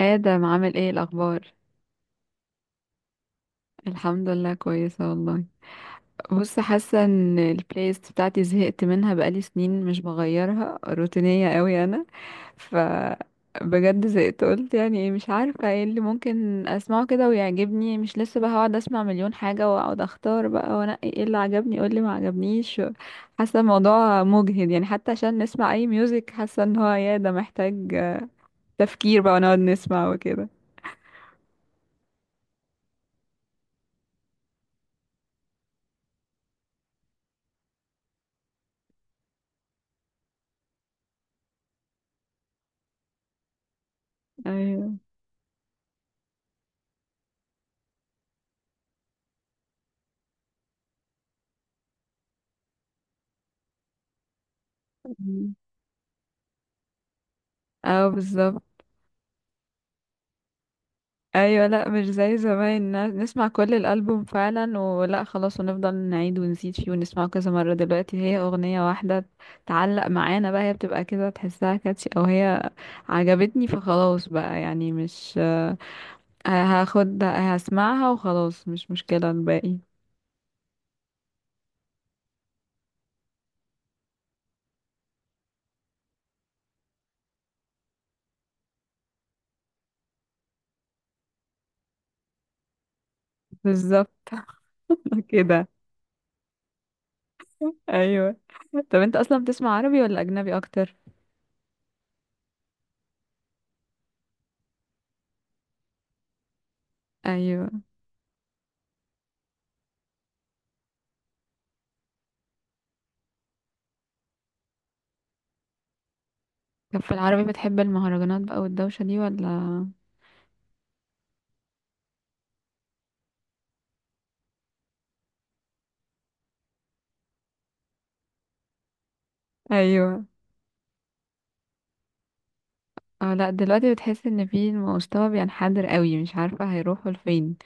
آدم، عامل ايه الأخبار؟ الحمد لله، كويسة والله. بص، حاسة ان البلاي ليست بتاعتي زهقت منها بقالي سنين، مش بغيرها، روتينية قوي أنا. ف بجد زهقت، قلت يعني ايه؟ مش عارفة ايه اللي ممكن اسمعه كده ويعجبني، مش لسه بقى هقعد اسمع مليون حاجة واقعد اختار بقى وانقي إيه اللي عجبني ايه اللي ما عجبنيش. حاسة الموضوع مجهد، يعني حتى عشان نسمع اي ميوزك حاسة ان هو يا ده محتاج تفكير بقى ونقعد نسمع وكده. ايوه. اه، بالظبط. ايوه، لا مش زي زمان نسمع كل الالبوم فعلا، ولا خلاص ونفضل نعيد ونزيد فيه ونسمعه كذا مره. دلوقتي هي اغنيه واحده تعلق معانا بقى، هي بتبقى كده تحسها كاتشي او هي عجبتني فخلاص بقى، يعني مش هاخد هسمعها وخلاص، مش مشكله الباقي. بالظبط، كده. ايوه. طب انت اصلا بتسمع عربي ولا اجنبي اكتر؟ ايوه. طب في العربي بتحب المهرجانات بقى والدوشه دي ولا؟ ايوه. اه لا، دلوقتي بتحس ان في المستوى بينحدر قوي، مش عارفة هيروحوا لفين.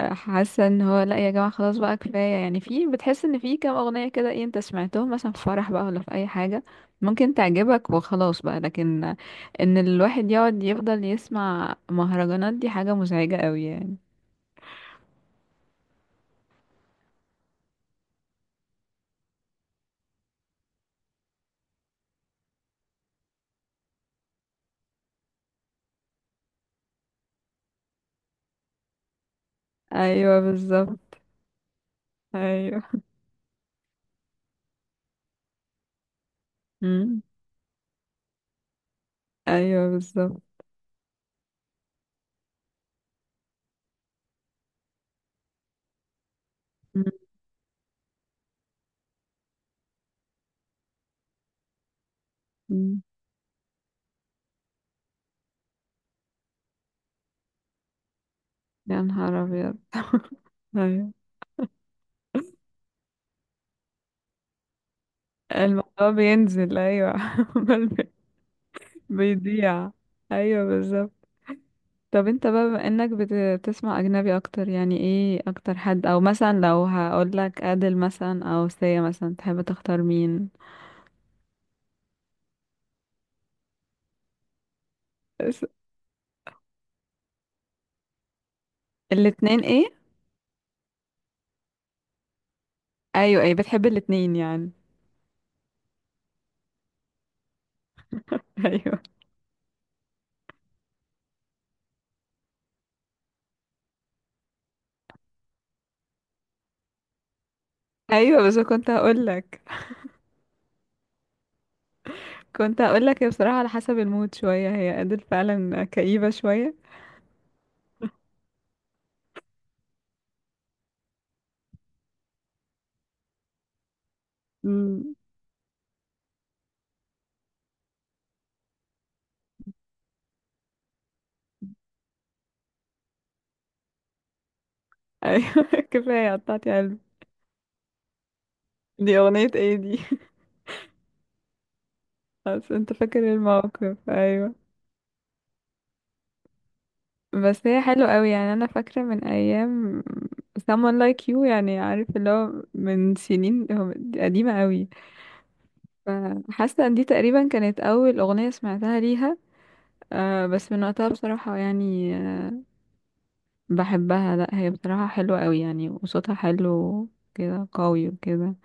حاسة ان هو لا يا جماعة، خلاص بقى كفاية، يعني في بتحس ان في كام اغنية كده، ايه انت سمعتهم مثلا في فرح بقى ولا في اي حاجة ممكن تعجبك وخلاص بقى، لكن ان الواحد يقعد يفضل يسمع مهرجانات دي حاجة مزعجة قوي يعني. ايوه، بالظبط. ايوه. مم. ايوه، بالظبط. مم. مم. يا نهار ابيض. ايوه، الموضوع بينزل. ايوه. بيضيع. ايوه، بالظبط. طب انت بقى بما انك بتسمع اجنبي اكتر، يعني ايه اكتر حد؟ او مثلا لو هقول لك ادل مثلا او سيا مثلا تحب تختار مين؟ بس- الاتنين ايه؟ ايوه، ايه بتحب الاتنين يعني. ايوه، ايوه، بس كنت هقول لك هي بصراحة على حسب المود شوية، هي ادل فعلا كئيبة شوية. امم. ايوه. كفاية قطعتي قلبي. دي اغنية ايه دي؟ بس انت فاكر الموقف، ايوه. بس هي حلوة قوي يعني، انا فاكرة من ايام someone like you، يعني عارف اللي هو من سنين، هو قديمة قوي. فحاسة ان دي تقريبا كانت اول اغنية سمعتها ليها. بس من وقتها بصراحة يعني بحبها، لا هي بصراحة حلوة قوي يعني، وصوتها حلو كده قوي وكده.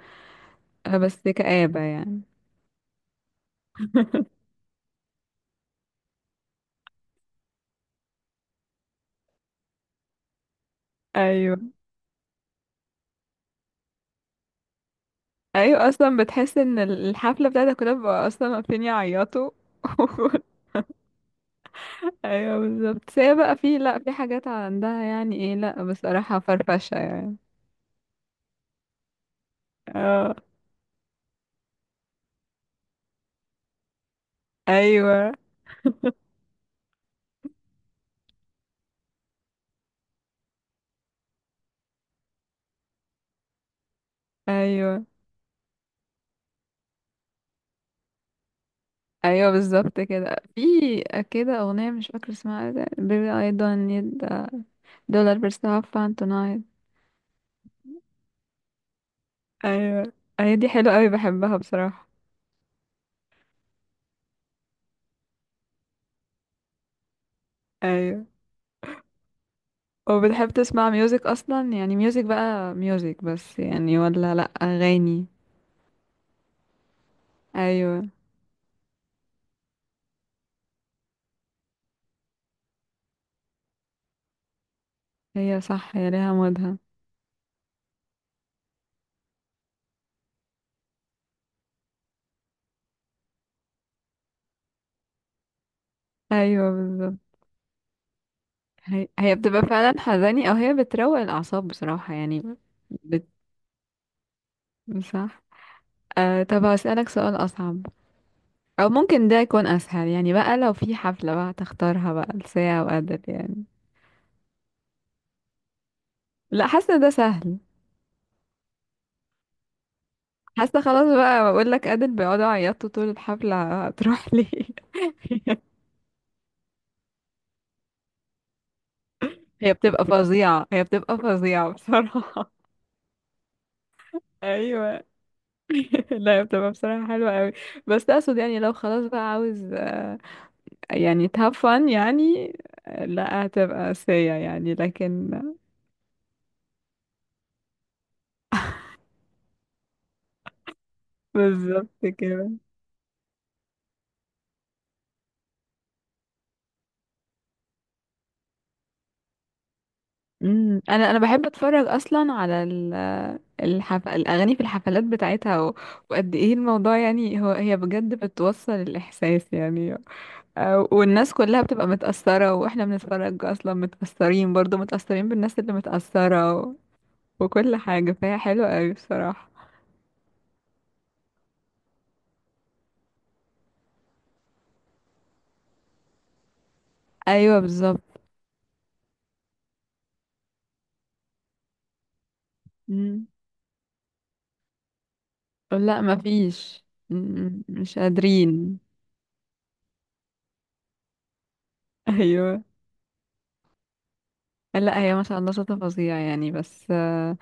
بس كآبة يعني. ايوه، ايوه اصلا بتحس ان الحفلة بتاعتها كلها بقى اصلا واقفين يعيطوا. ايوه، بالظبط. بس هي بقى في، لا في حاجات عندها يعني ايه، لا بصراحة فرفشة يعني. اه. ايوه، ايوه، ايوه، بالظبط كده. في كده اغنية مش فاكرة اسمها ايه، بيبي اي دون نيد دولار بس هاف فان تونايت. ايوه، هي دي حلوة قوي، بحبها بصراحة. ايوه. وبتحب تسمع ميوزك اصلا يعني، ميوزك بقى ميوزك بس يعني، ولا لا اغاني؟ ايوه. هي صح، هي ليها مودها. ايوه، بالظبط هي بتبقى فعلا حزاني، او هي بتروق الاعصاب بصراحة يعني. بت... صح. طب هسألك سؤال اصعب، او ممكن ده يكون اسهل يعني، بقى لو في حفلة بقى تختارها بقى لساعة وأدل يعني؟ لا، حاسة ده سهل. حاسة خلاص بقى، بقول لك أدل بيقعدوا يعيطوا طول الحفلة، هتروح ليه؟ هي بتبقى فظيعة، هي بتبقى فظيعة بصراحة. ايوه. لا هي بتبقى بصراحة حلوة قوي، بس اقصد يعني لو خلاص بقى عاوز يعني have fun يعني. لا هتبقى سيئة يعني، لكن بالظبط كده. انا بحب اتفرج اصلا على الاغاني في الحفلات بتاعتها وقد ايه الموضوع يعني، هو هي بجد بتوصل الاحساس يعني، والناس كلها بتبقى متأثرة، واحنا بنتفرج اصلا متأثرين، برضو متأثرين بالناس اللي متأثرة وكل حاجة، فهي حلوة قوي بصراحة. ايوه، بالظبط. امم لا مفيش. مش قادرين. ايوه، لا هي ما شاء الله شاطرة فظيعة يعني، بس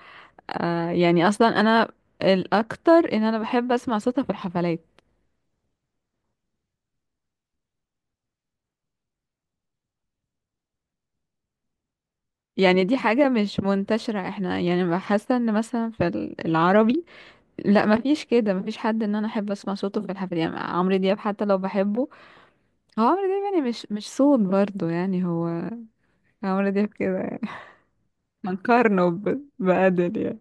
يعني اصلا انا، الاكتر ان انا بحب اسمع صوتها في الحفلات. يعني دي حاجة مش منتشرة احنا، يعني بحس ان مثلا في العربي لا ما فيش كده، ما فيش حد ان انا احب اسمع صوته في الحفلات، يعني عمرو دياب حتى لو بحبه، هو عمرو دياب يعني مش صوت برضه، يعني هو عمرو دياب كده يعني. هنقارنه بأدل يعني.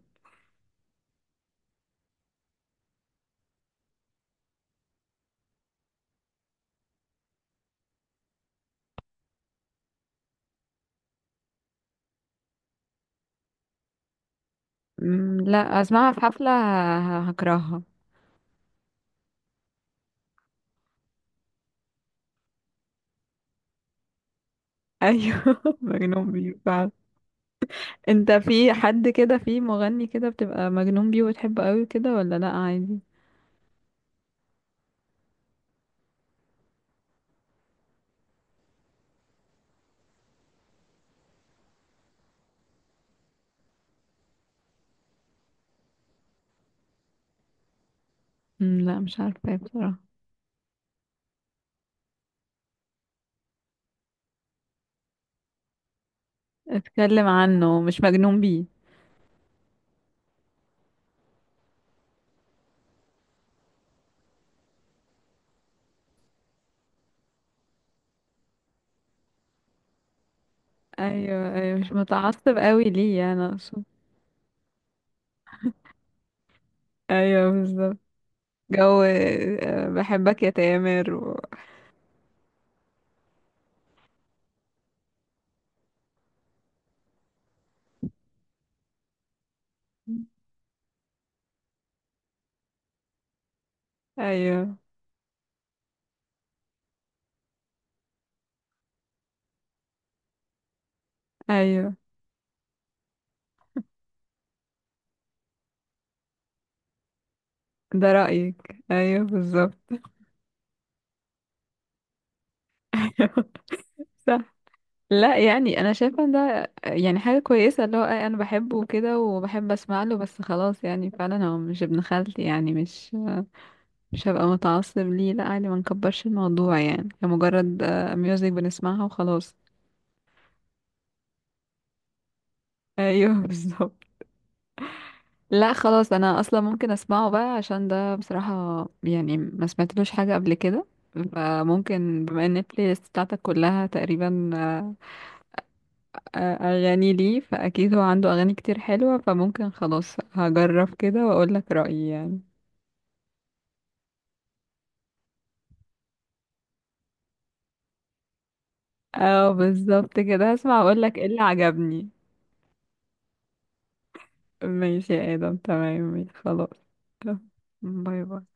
لا اسمعها في حفلة هكرهها. ايوه. مجنون بيه. انت في حد كده، في مغني كده بتبقى مجنون بيه وتحبه قوي كده، ولا لا عادي؟ مم، لا مش عارفه بصراحه. اتكلم عنه مش مجنون بيه. ايوه، ايوه، مش متعصب قوي ليه يعني، اقصد. ايوه، بالظبط. جو بحبك يا تامر ايوه، ايوه. ده رأيك، ايوه بالظبط. ايوه، صح. لا يعني انا شايفه ان ده يعني حاجه كويسه، اللي هو انا بحبه كده وبحب اسمع له، بس خلاص يعني فعلا هو مش ابن خالتي، يعني مش هبقى متعصب ليه، لا عادي، ما نكبرش الموضوع يعني، هي مجرد ميوزك بنسمعها وخلاص. ايوه. بالظبط. لا خلاص، انا اصلا ممكن اسمعه بقى عشان ده بصراحة يعني ما سمعتلوش حاجة قبل كده. فممكن بما ان البلاي ليست بتاعتك كلها تقريبا اغاني ليه، فاكيد هو عنده اغاني كتير حلوة، فممكن خلاص هجرب كده واقول لك رأيي يعني. اه، بالظبط كده، هسمع واقول لك ايه اللي عجبني. ماشي يا آدم، تمام، ماشي خلاص. تمام. باي باي.